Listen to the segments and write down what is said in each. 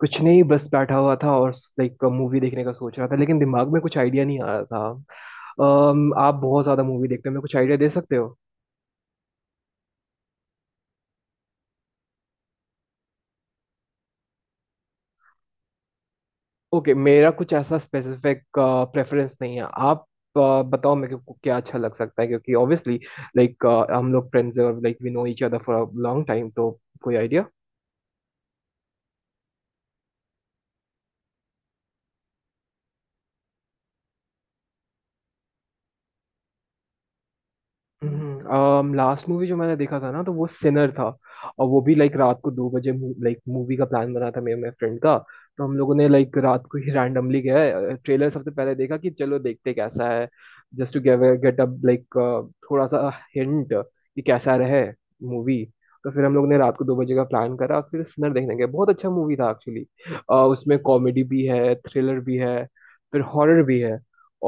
कुछ नहीं, बस बैठा हुआ था और लाइक मूवी देखने का सोच रहा था लेकिन दिमाग में कुछ आइडिया नहीं आ रहा था। आप बहुत ज्यादा मूवी देखते हो, मेरे को कुछ आइडिया दे सकते हो? ओके, मेरा कुछ ऐसा स्पेसिफिक प्रेफरेंस नहीं है। आप बताओ मेरे को क्या अच्छा लग सकता है, क्योंकि ऑब्वियसली लाइक हम लोग फ्रेंड्स हैं और like we know each other for a long time, तो कोई आइडिया? लास्ट मूवी जो मैंने देखा था ना, तो वो सिनर था। और वो भी लाइक रात को 2 बजे। लाइक मूवी का प्लान बना था मेरे मेरे फ्रेंड का। तो हम लोगों ने लाइक रात को ही रैंडमली गया, ट्रेलर सबसे पहले देखा कि चलो देखते कैसा है, just to get up, like थोड़ा सा हिंट कि कैसा रहे मूवी। तो फिर हम लोग ने रात को दो बजे का प्लान करा, फिर सिनर देखने गए। बहुत अच्छा मूवी था एक्चुअली। उसमें कॉमेडी भी है, थ्रिलर भी है, फिर हॉरर भी है।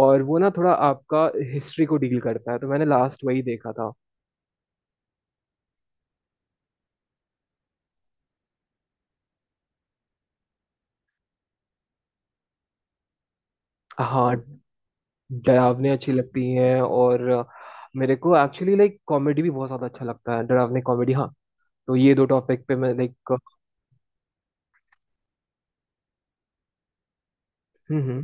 और वो ना थोड़ा आपका हिस्ट्री को डील करता है। तो मैंने लास्ट वही देखा था। हाँ। हम्म। डरावने अच्छी लगती हैं। और मेरे को एक्चुअली लाइक कॉमेडी भी बहुत ज्यादा अच्छा लगता है, डरावने कॉमेडी। हाँ, तो ये दो टॉपिक पे मैं लाइक। हम्म।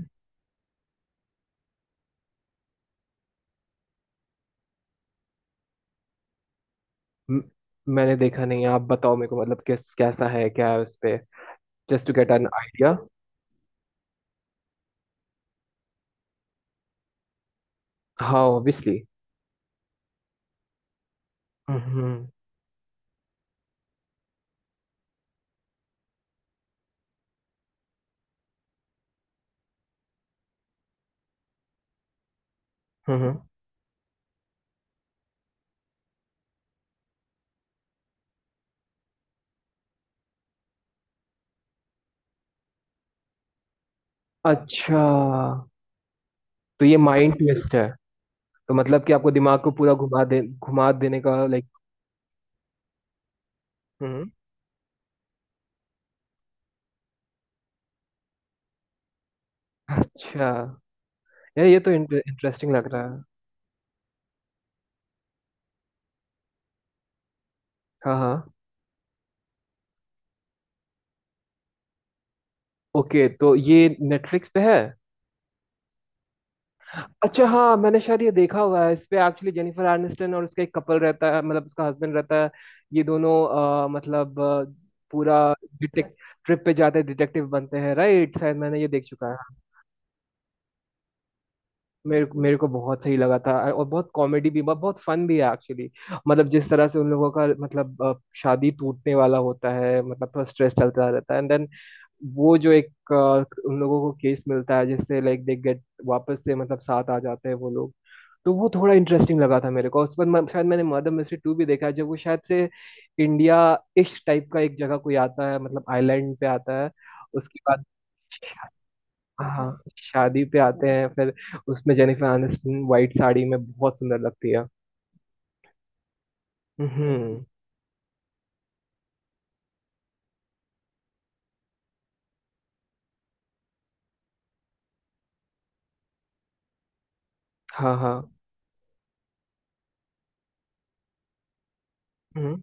म- मैंने देखा नहीं है। आप बताओ मेरे को, मतलब किस, कैसा है, क्या है उस पे, just to get an idea. हाँ ऑब्वियसली। हम्म। Hmm, hmm. अच्छा, तो ये माइंड ट्विस्ट है? तो मतलब कि आपको दिमाग को पूरा घुमा दे, घुमा देने का लाइक। हम्म। अच्छा, यार ये तो इंटरेस्टिंग लग रहा है। हाँ हाँ। ओके, तो ये नेटफ्लिक्स पे है। अच्छा, हाँ, मैंने शायद ये देखा हुआ है। इस पे एक्चुअली जेनिफर आर्निस्टन और उसका एक कपल रहता है, मतलब उसका हस्बैंड रहता है। ये दोनों मतलब पूरा डिटेक्ट ट्रिप पे जाते हैं, डिटेक्टिव बनते हैं, राइट? शायद मैंने ये देख चुका है। मेरे मेरे को बहुत सही लगा था। और बहुत कॉमेडी भी, बहुत फन भी है एक्चुअली। मतलब जिस तरह से उन लोगों का, मतलब शादी टूटने वाला होता है, मतलब थोड़ा स्ट्रेस चलता रहता है एंड देन वो जो एक उन लोगों को केस मिलता है जिससे लाइक दे गेट वापस से, मतलब साथ आ जाते हैं वो लोग। तो वो थोड़ा इंटरेस्टिंग लगा था मेरे को। उस पर शायद मैंने मर्डर मिस्ट्री टू भी देखा है, जब वो शायद से इंडिया इश टाइप का एक जगह कोई आता है, मतलब आइलैंड पे आता है उसके बाद। हाँ, शादी पे आते हैं फिर। उसमें जेनिफर आनिस्टन व्हाइट साड़ी में बहुत सुंदर लगती है। हम्म। हाँ हाँ। हम्म।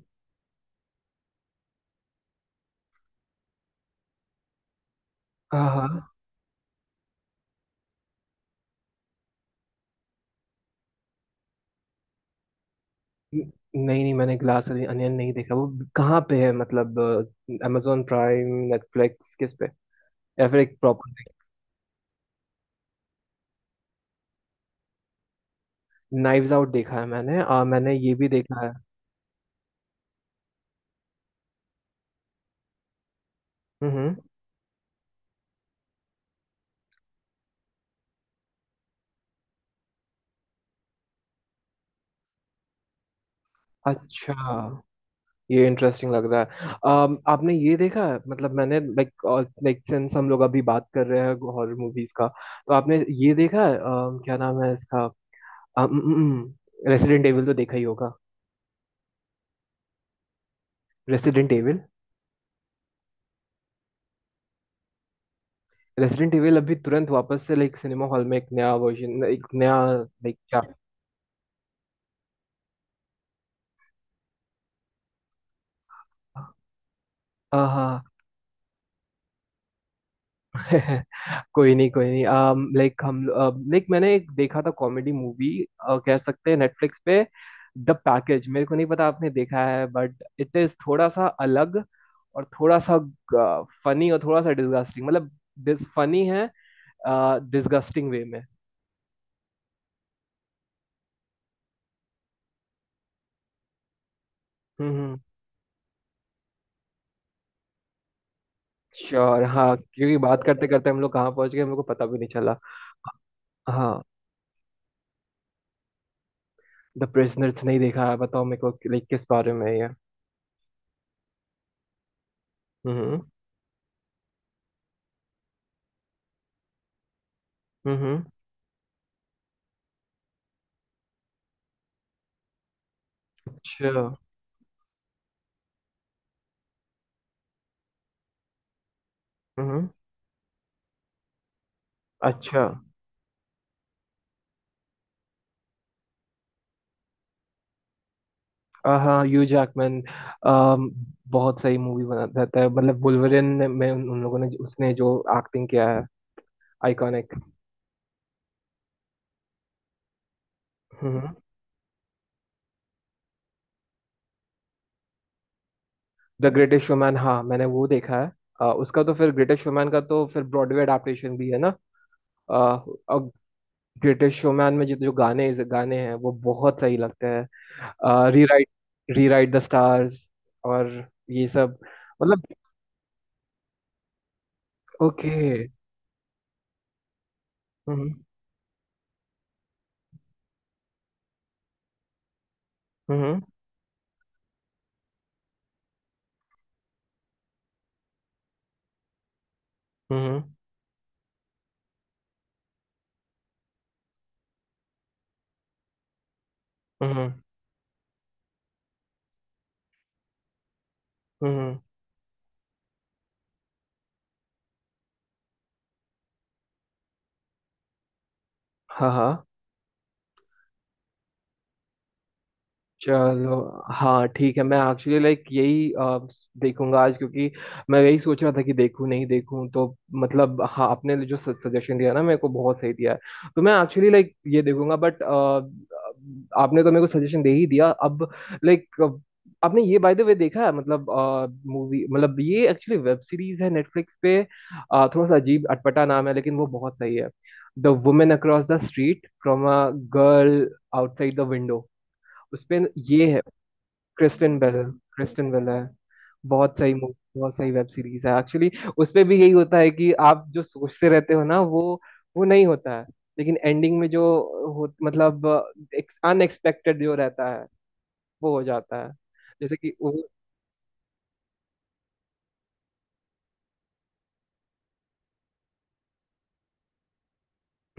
हाँ हाँ। नहीं नहीं, मैंने ग्लास अनियन नहीं देखा। वो कहाँ पे है, मतलब amazon प्राइम, नेटफ्लिक्स, किस पे? या फिर एक प्रॉपर। नाइव्स आउट देखा है मैंने, और मैंने ये भी देखा है। हम्म। अच्छा, ये इंटरेस्टिंग लग रहा है। आपने ये देखा है? मतलब मैंने लाइक लाइक सिंस हम लोग अभी बात कर रहे हैं हॉरर मूवीज का, तो आपने ये देखा है? क्या नाम है इसका? रेसिडेंट एविल, तो देखा ही होगा। Resident Evil. रेसिडेंट एविल अभी तुरंत वापस से लाइक सिनेमा हॉल में एक नया वर्जन, एक नया लाइक क्या। हाँ हाँ। कोई नहीं, कोई नहीं, लाइक हम, लाइक मैंने एक देखा था कॉमेडी मूवी कह सकते हैं, नेटफ्लिक्स पे, द पैकेज। मेरे को नहीं पता आपने देखा है, बट इट इज थोड़ा सा अलग और थोड़ा सा फनी और थोड़ा सा डिस्गस्टिंग। मतलब दिस फनी है डिस्गस्टिंग वे में। हम्म। श्योर, हाँ, क्योंकि बात करते करते हम लोग कहाँ पहुंच गए मेरे को पता भी नहीं चला। हाँ। द प्रिजनर्स नहीं देखा है। बताओ मेरे को लाइक किस बारे में है ये। हम्म हम्म। अच्छा। हम्म। अच्छा। हाँ ह्यू जैकमैन बहुत सही मूवी बना देता है, मतलब वुल्वरिन में उन लोगों ने, उसने जो एक्टिंग किया है, iconic. Hmm. The Greatest Showman, हाँ मैंने वो देखा है। उसका तो फिर, ग्रेटेस्ट शोमैन का तो फिर ब्रॉडवे अडेप्टेशन भी है ना। अ, अब ग्रेटेस्ट शोमैन में जो जो गाने गाने हैं वो बहुत सही लगते हैं। रीराइट रीराइट द स्टार्स और ये सब। मतलब। ओके। हम्म हम्म हम्म हम्म। हम्म, हाँ हाँ चलो। हाँ ठीक है, मैं एक्चुअली लाइक यही देखूंगा आज, क्योंकि मैं यही सोच रहा था कि देखूं नहीं देखूं। तो मतलब हाँ, आपने जो सजेशन दिया ना मेरे को बहुत सही दिया है। तो मैं एक्चुअली लाइक ये देखूंगा, बट आपने तो मेरे को सजेशन दे ही दिया अब लाइक। आपने ये बाय द वे देखा है मतलब मूवी, मतलब ये एक्चुअली वेब सीरीज है, नेटफ्लिक्स पे। थोड़ा सा अजीब अटपटा नाम है लेकिन वो बहुत सही है। The women across the street from a girl outside the window. उसपे ये है क्रिस्टिन बेल। क्रिस्टिन बेल है। बहुत सही मूवी, बहुत सही वेब सीरीज है एक्चुअली। उसपे भी यही होता है कि आप जो सोचते रहते हो ना, वो नहीं होता है। लेकिन एंडिंग में जो हो, मतलब अनएक्सपेक्टेड जो रहता है वो हो जाता है। जैसे कि वो,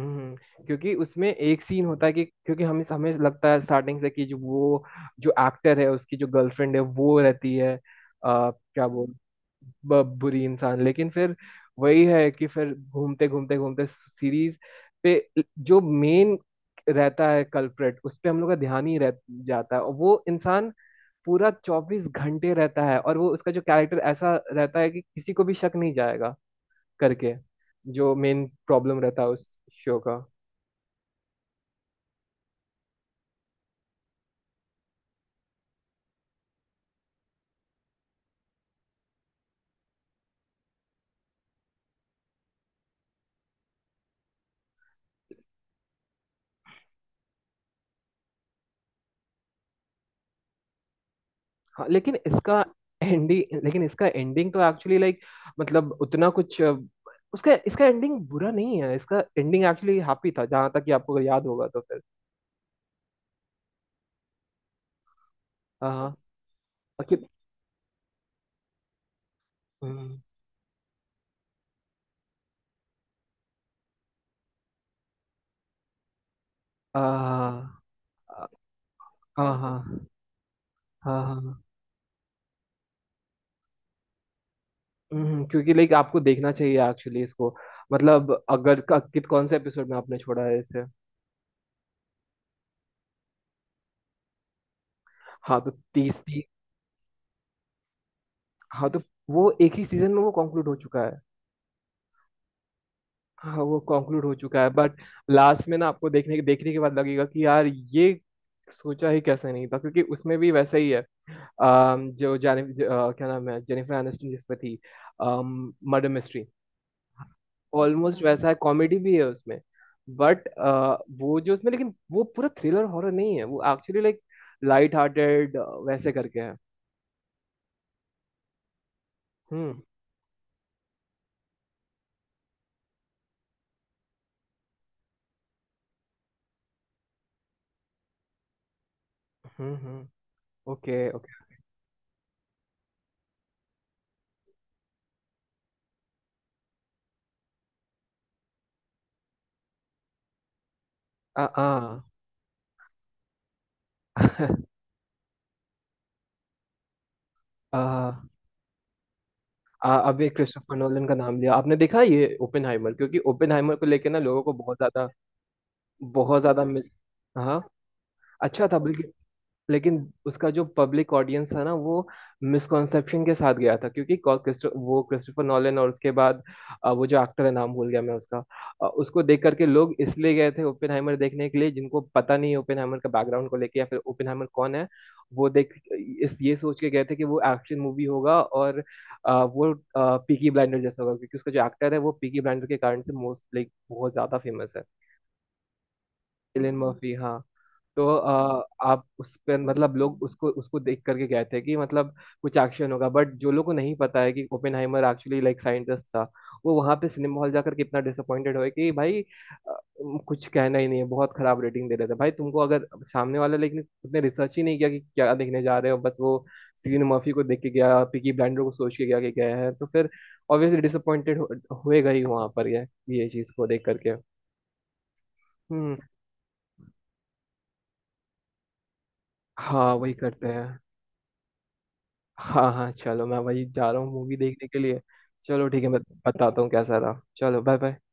हम्म, क्योंकि उसमें एक सीन होता है कि क्योंकि हमें हमें लगता है स्टार्टिंग से कि जो वो जो एक्टर है उसकी जो गर्लफ्रेंड है वो रहती है, क्या बोल, बुरी इंसान। लेकिन फिर वही है कि फिर घूमते घूमते घूमते सीरीज पे जो मेन रहता है कल्प्रेट, उस पे हम लोग का ध्यान ही रह जाता है। और वो इंसान पूरा 24 घंटे रहता है, और वो उसका जो कैरेक्टर ऐसा रहता है कि किसी को भी शक नहीं जाएगा करके, जो मेन प्रॉब्लम रहता है उस शो का। हाँ, लेकिन इसका एंडिंग, लेकिन इसका एंडिंग तो एक्चुअली लाइक मतलब उतना कुछ उसका, इसका एंडिंग बुरा नहीं है। इसका एंडिंग एक्चुअली हैप्पी था, जहां तक कि आपको अगर याद होगा तो फिर। हाँ। कि हम्म, आ, हाँ हाँ हाँ हाँ। क्योंकि लाइक आपको देखना चाहिए एक्चुअली इसको, मतलब अगर क- कित कौन से एपिसोड में आपने छोड़ा है इसे? हाँ तो तीस हाँ तो वो एक ही सीजन में वो कंक्लूड हो चुका है। हाँ वो कंक्लूड हो चुका है, बट लास्ट में ना आपको देखने के बाद लगेगा कि यार ये सोचा ही कैसे नहीं था, क्योंकि उसमें भी वैसा ही है। जो जाने क्या नाम है जेनिफर एनिस्टन जिस पे थी, मर्डर मिस्ट्री, ऑलमोस्ट वैसा है। कॉमेडी भी है उसमें, बट वो जो उसमें, लेकिन वो पूरा थ्रिलर हॉरर नहीं है। वो एक्चुअली लाइक लाइट हार्टेड वैसे करके है। Hmm hmm. Okay okay. आ आ अभी क्रिस्टोफर नोलन का नाम लिया आपने। देखा ये ओपेनहाइमर? क्योंकि ओपेनहाइमर को लेके ना लोगों को बहुत ज्यादा, बहुत ज्यादा मिस। हाँ। अच्छा था बल्कि। लेकिन उसका जो पब्लिक ऑडियंस था ना वो मिसकॉन्सेप्शन के साथ गया था, क्योंकि वो क्रिस्टोफर नॉलन और उसके बाद वो जो एक्टर है, नाम भूल गया मैं उसका, उसको देख करके लोग इसलिए गए थे ओपेनहाइमर देखने के लिए, जिनको पता नहीं है ओपेनहाइमर का बैकग्राउंड को लेके या फिर ओपेनहाइमर कौन है। वो देख इस ये सोच के गए थे कि वो एक्शन मूवी होगा, और वो पीकी ब्लाइंडर जैसा होगा, क्योंकि उसका जो एक्टर है वो पीकी ब्लाइंडर के कारण से मोस्ट लाइक बहुत ज्यादा फेमस है। एलियन मर्फी, हाँ। तो आप उस पर, मतलब लोग उसको उसको देख करके गए थे कि मतलब कुछ एक्शन होगा। बट जो लोगों को नहीं पता है कि ओपेनहाइमर एक्चुअली लाइक साइंटिस्ट था, वो वहां पे सिनेमा हॉल जाकर के इतना डिसअपॉइंटेड हुए कि भाई, कुछ कहना ही नहीं है। बहुत खराब रेटिंग दे रहे थे, भाई तुमको अगर सामने वाला, लेकिन उसने रिसर्च ही नहीं किया कि क्या देखने जा रहे हो। बस वो सीन मर्फी को देख के गया, पिकी ब्लाइंडर को सोच के गया कि गया है, तो फिर ऑब्वियसली डिसअपॉइंटेड हुएगा ही वहां पर, ये चीज को देख करके। हम्म। हाँ वही करते हैं। हाँ हाँ चलो, मैं वही जा रहा हूँ मूवी देखने के लिए। चलो ठीक है, मैं बताता हूँ कैसा रहा। चलो बाय बाय।